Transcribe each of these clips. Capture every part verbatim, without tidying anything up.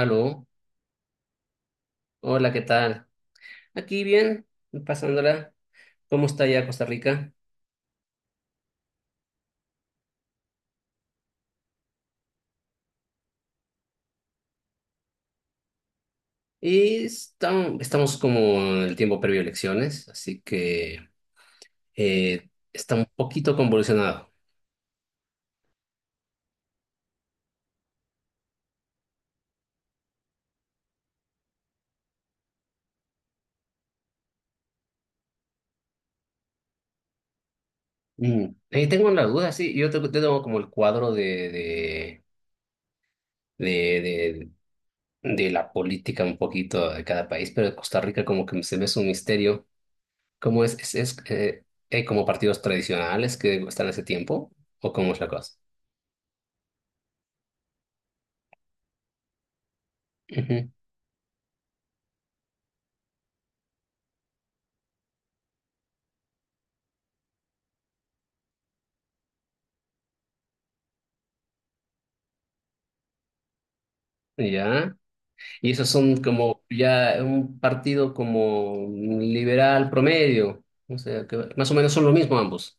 Aló, hola, ¿qué tal? Aquí bien, pasándola. ¿Cómo está ya Costa Rica? Y estamos, estamos como en el tiempo previo a elecciones, así que eh, está un poquito convulsionado. Mm. Eh, tengo la duda, sí, yo tengo, yo tengo como el cuadro de, de, de, de, de la política un poquito de cada país, pero de Costa Rica como que se me es un misterio. ¿Cómo es? ¿Es, es, eh, hay como partidos tradicionales que están hace tiempo? ¿O cómo es la cosa? Ujú. Ya. Y esos son como ya un partido como liberal promedio. O sea, que más o menos son lo mismo ambos.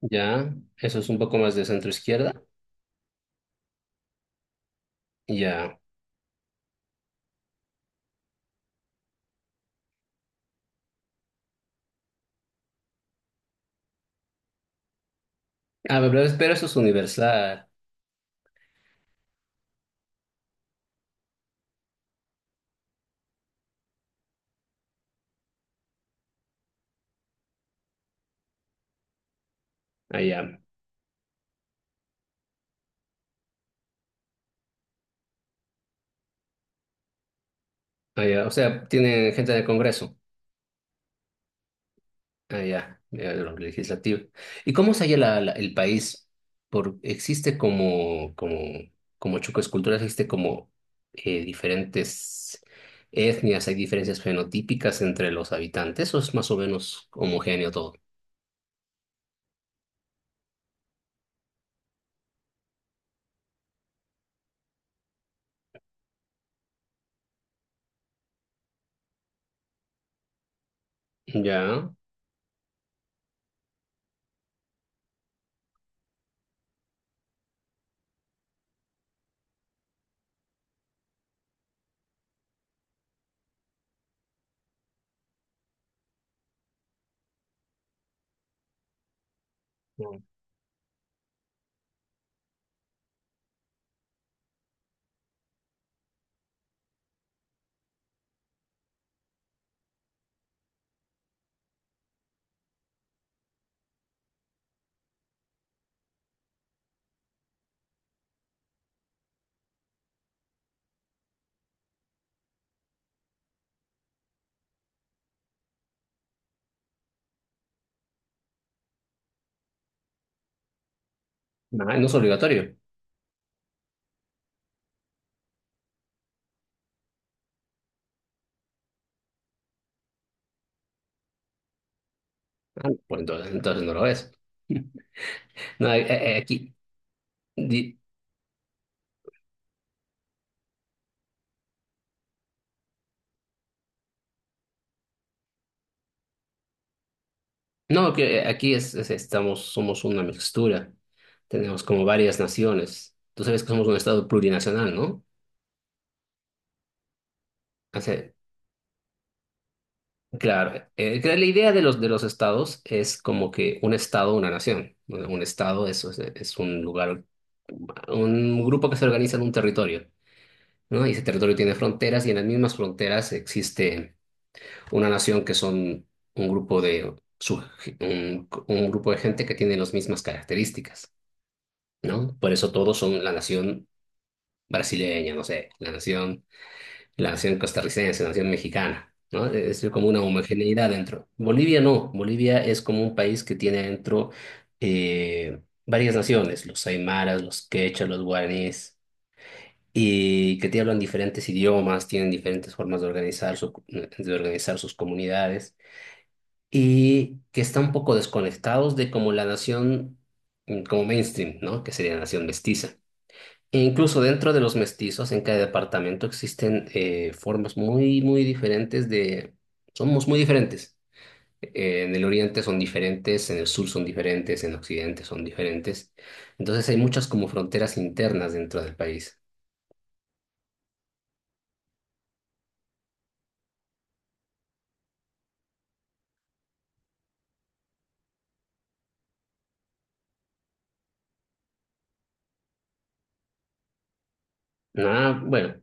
Ya, eso es un poco más de centro izquierda. Ya. Ah, pero, pero eso es universal. Allá. Allá. O sea, tiene gente del Congreso. Ah, ya, ya, lo legislativo. ¿Y cómo se halla la- la- el país? Por, existe como, como, como Chucos culturas, existe como eh, diferentes etnias, hay diferencias fenotípicas entre los habitantes, o es más o menos homogéneo todo. Ya. Ah, no es obligatorio, por entonces, entonces no lo es. No, eh, eh, aquí, di- no, que eh, aquí es, es- estamos, somos una mixtura, tenemos como varias naciones. Tú sabes que somos un estado plurinacional, ¿no? Claro, eh, eh, que la idea de los, de los estados es como que un estado, una nación. Bueno, un estado es, es, es un lugar, un grupo que se organiza en un territorio, ¿no? Y ese territorio tiene fronteras y en las mismas fronteras existe una nación que son un grupo de, su- un, un grupo de gente que tiene las mismas características, ¿no? Por eso todos son la nación brasileña, no sé, la nación la nación costarricense, la nación mexicana, ¿no? Es decir, como una homogeneidad dentro. Bolivia no, Bolivia es como un país que tiene dentro eh, varias naciones, los aymaras, los quechas, los guaraníes, y que te hablan diferentes idiomas, tienen diferentes formas de organizar, su- de organizar sus comunidades, y que están un poco desconectados de como la nación, mm, como mainstream, ¿no? Que sería la nación mestiza. E incluso dentro de los mestizos, en cada departamento existen eh, formas muy, muy diferentes de... Somos muy diferentes. Eh, en el oriente son diferentes, en el sur son diferentes, en occidente son diferentes. Entonces hay muchas como fronteras internas dentro del país. Ah, bueno,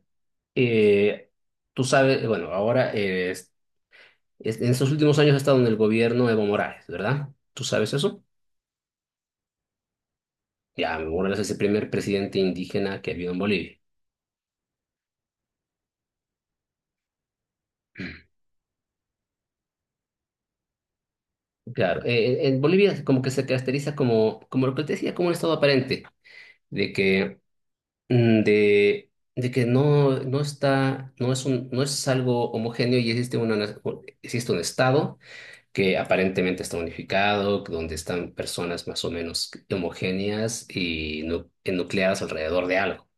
eh, tú sabes, bueno, ahora eh, es- es- en estos últimos años ha estado en el gobierno Evo Morales, ¿verdad? ¿Tú sabes eso? Ya, Evo Morales es el primer presidente indígena que ha habido en Bolivia. Claro, eh, en Bolivia como que se caracteriza como, como lo que te decía, como un estado aparente, de que, mm, de, de que no, no está, no es un, no es algo homogéneo y existe una, na- o- existe un estado que aparentemente está unificado, donde están personas más o menos homogéneas y nu- enucleadas alrededor de algo.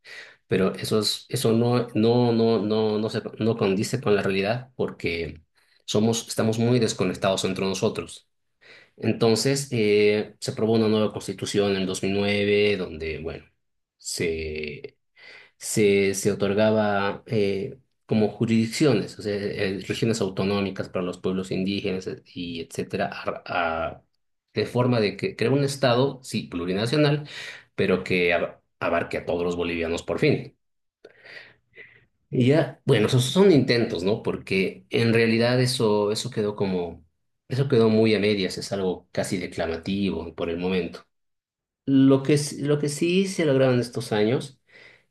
Pero eso es, eso no, no, no, no, no se, no condice con la realidad porque somos, estamos muy desconectados entre nosotros. Entonces, eh, se aprobó una nueva constitución en dos mil nueve, donde, bueno, se, se, se otorgaba eh, como jurisdicciones, o sea, eh, regiones autonómicas para los pueblos indígenas, eh, y etcétera, a- a- de forma de que crear un estado, sí, plurinacional, pero que ab- abarque a todos los bolivianos por fin. Y ya, bueno, esos son intentos, ¿no? Porque en realidad eso, eso quedó como, eso quedó muy a medias, es algo casi declamativo por el momento. Lo que, s- lo que sí se lograron estos años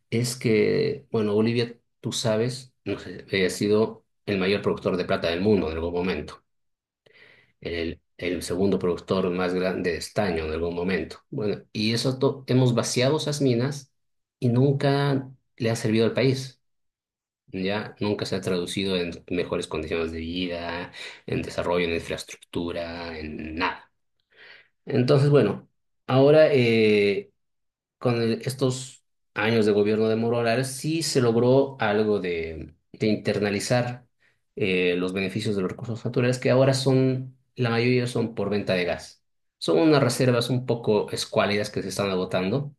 es que, bueno, Bolivia, tú sabes, no sé, eh, ha sido el mayor productor de plata del mundo en algún momento, el, el segundo productor más grande de estaño en algún momento. Bueno, y eso to- hemos vaciado esas minas y nunca le ha servido al país. Ya nunca se ha traducido en mejores condiciones de vida, en desarrollo, en infraestructura, en nada. Entonces, bueno, ahora eh, con el- estos años de gobierno de Moro Morales sí se logró algo de, de internalizar eh, los beneficios de los recursos naturales que ahora son, la mayoría son por venta de gas. Son unas reservas un poco escuálidas que se están agotando,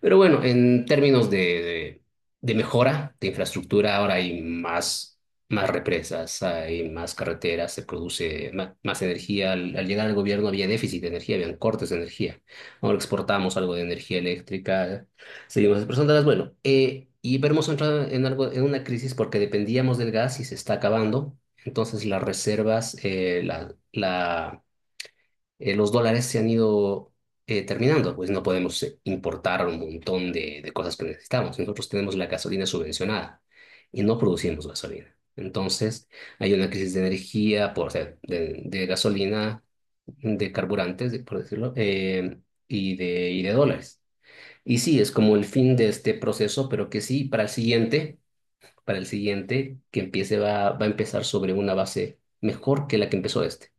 pero bueno, en términos de, de, de mejora de infraestructura, ahora hay más, más represas, hay más carreteras, se produce ma- más energía. Al, al llegar al gobierno había déficit de energía, habían cortes de energía. Ahora exportamos algo de energía eléctrica, seguimos exportándolas. Bueno, eh, y pero hemos entrado en algo, en una crisis porque dependíamos del gas y se está acabando. Entonces las reservas, eh, la, la eh, los dólares se han ido eh, terminando, pues no podemos eh, importar un montón de, de cosas que necesitamos. Nosotros tenemos la gasolina subvencionada y no producimos gasolina. Entonces, hay una crisis de energía, por, o sea, de, de gasolina, de carburantes, de- por decirlo, eh, y de, y de dólares. Y sí, es como el fin de este proceso, pero que sí, para el siguiente, para el siguiente, que empiece, va, va a empezar sobre una base mejor que la que empezó este.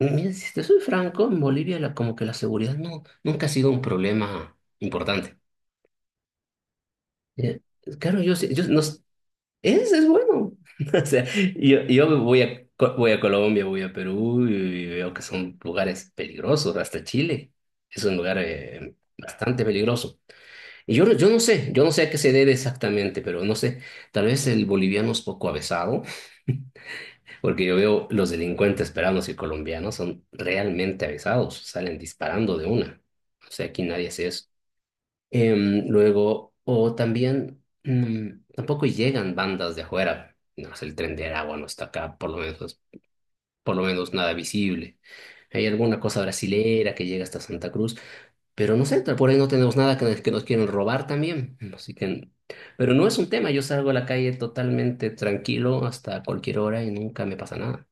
Mira, si te soy franco, en Bolivia la, como que la seguridad no, nunca ha sido un problema importante. Eh, claro, yo, sé- yo no s- es, es bueno. O sea, yo, yo voy a, Co- voy a Colombia, voy a Perú y veo que son lugares peligrosos, hasta Chile es un lugar eh, bastante peligroso. Y yo, no- yo no sé, yo no sé a qué se debe exactamente, pero no sé, tal vez el boliviano es poco avesado. Porque yo veo los delincuentes peruanos y colombianos son realmente avisados, salen disparando de una. O sea, aquí nadie hace eso. Em, luego, o también, mm, tampoco llegan bandas de afuera. No sé, el Tren de Aragua no está acá, por lo menos, por lo menos nada visible. Hay alguna cosa brasilera que llega hasta Santa Cruz, pero no sé, tal- por ahí no tenemos nada que, que nos quieren robar también. Así que, pero no es un tema, yo salgo a la calle totalmente tranquilo hasta cualquier hora y nunca me pasa nada.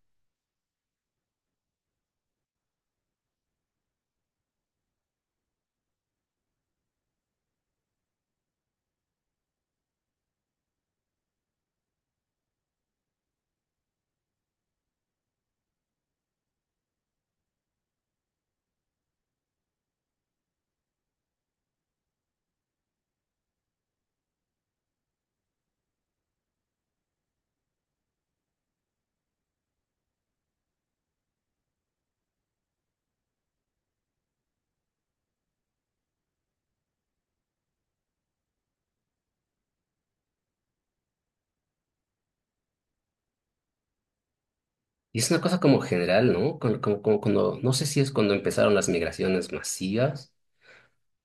Y es una cosa como general, ¿no? Como, como- como cuando, no sé si es cuando empezaron las migraciones masivas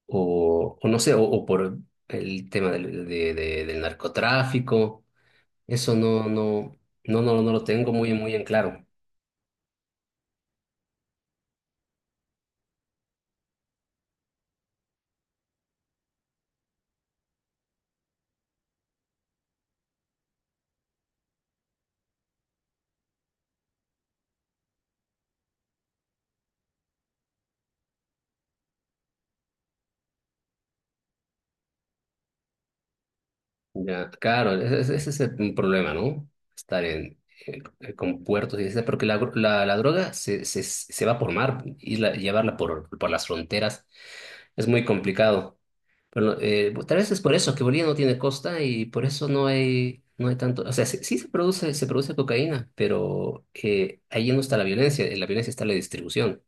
o, o no sé, o, o por el tema del, de- de- del narcotráfico. Eso no, no, no, no, no lo tengo muy, muy en claro. Ya, claro, ese, ese- ese es el problema, ¿no? Estar en, eh, eh, con puertos y eso, porque la, gro- la, la droga se, se, se va por mar y la- llevarla por, por las fronteras es muy complicado. Bueno, eh, tal vez es por eso que Bolivia no tiene costa y por eso no hay, no hay tanto. O sea, sí, sí se produce, se produce cocaína, pero eh, ahí no está la violencia. En la violencia está la distribución,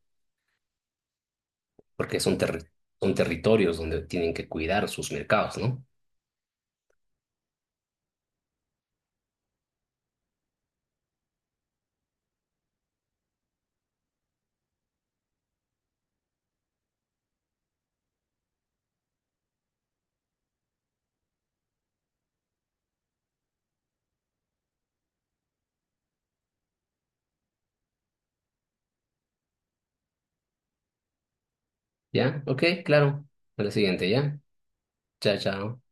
porque son, terri- son territorios donde tienen que cuidar sus mercados, ¿no? ¿Ya? Ok, claro. A la siguiente, ¿ya? Chao, chao.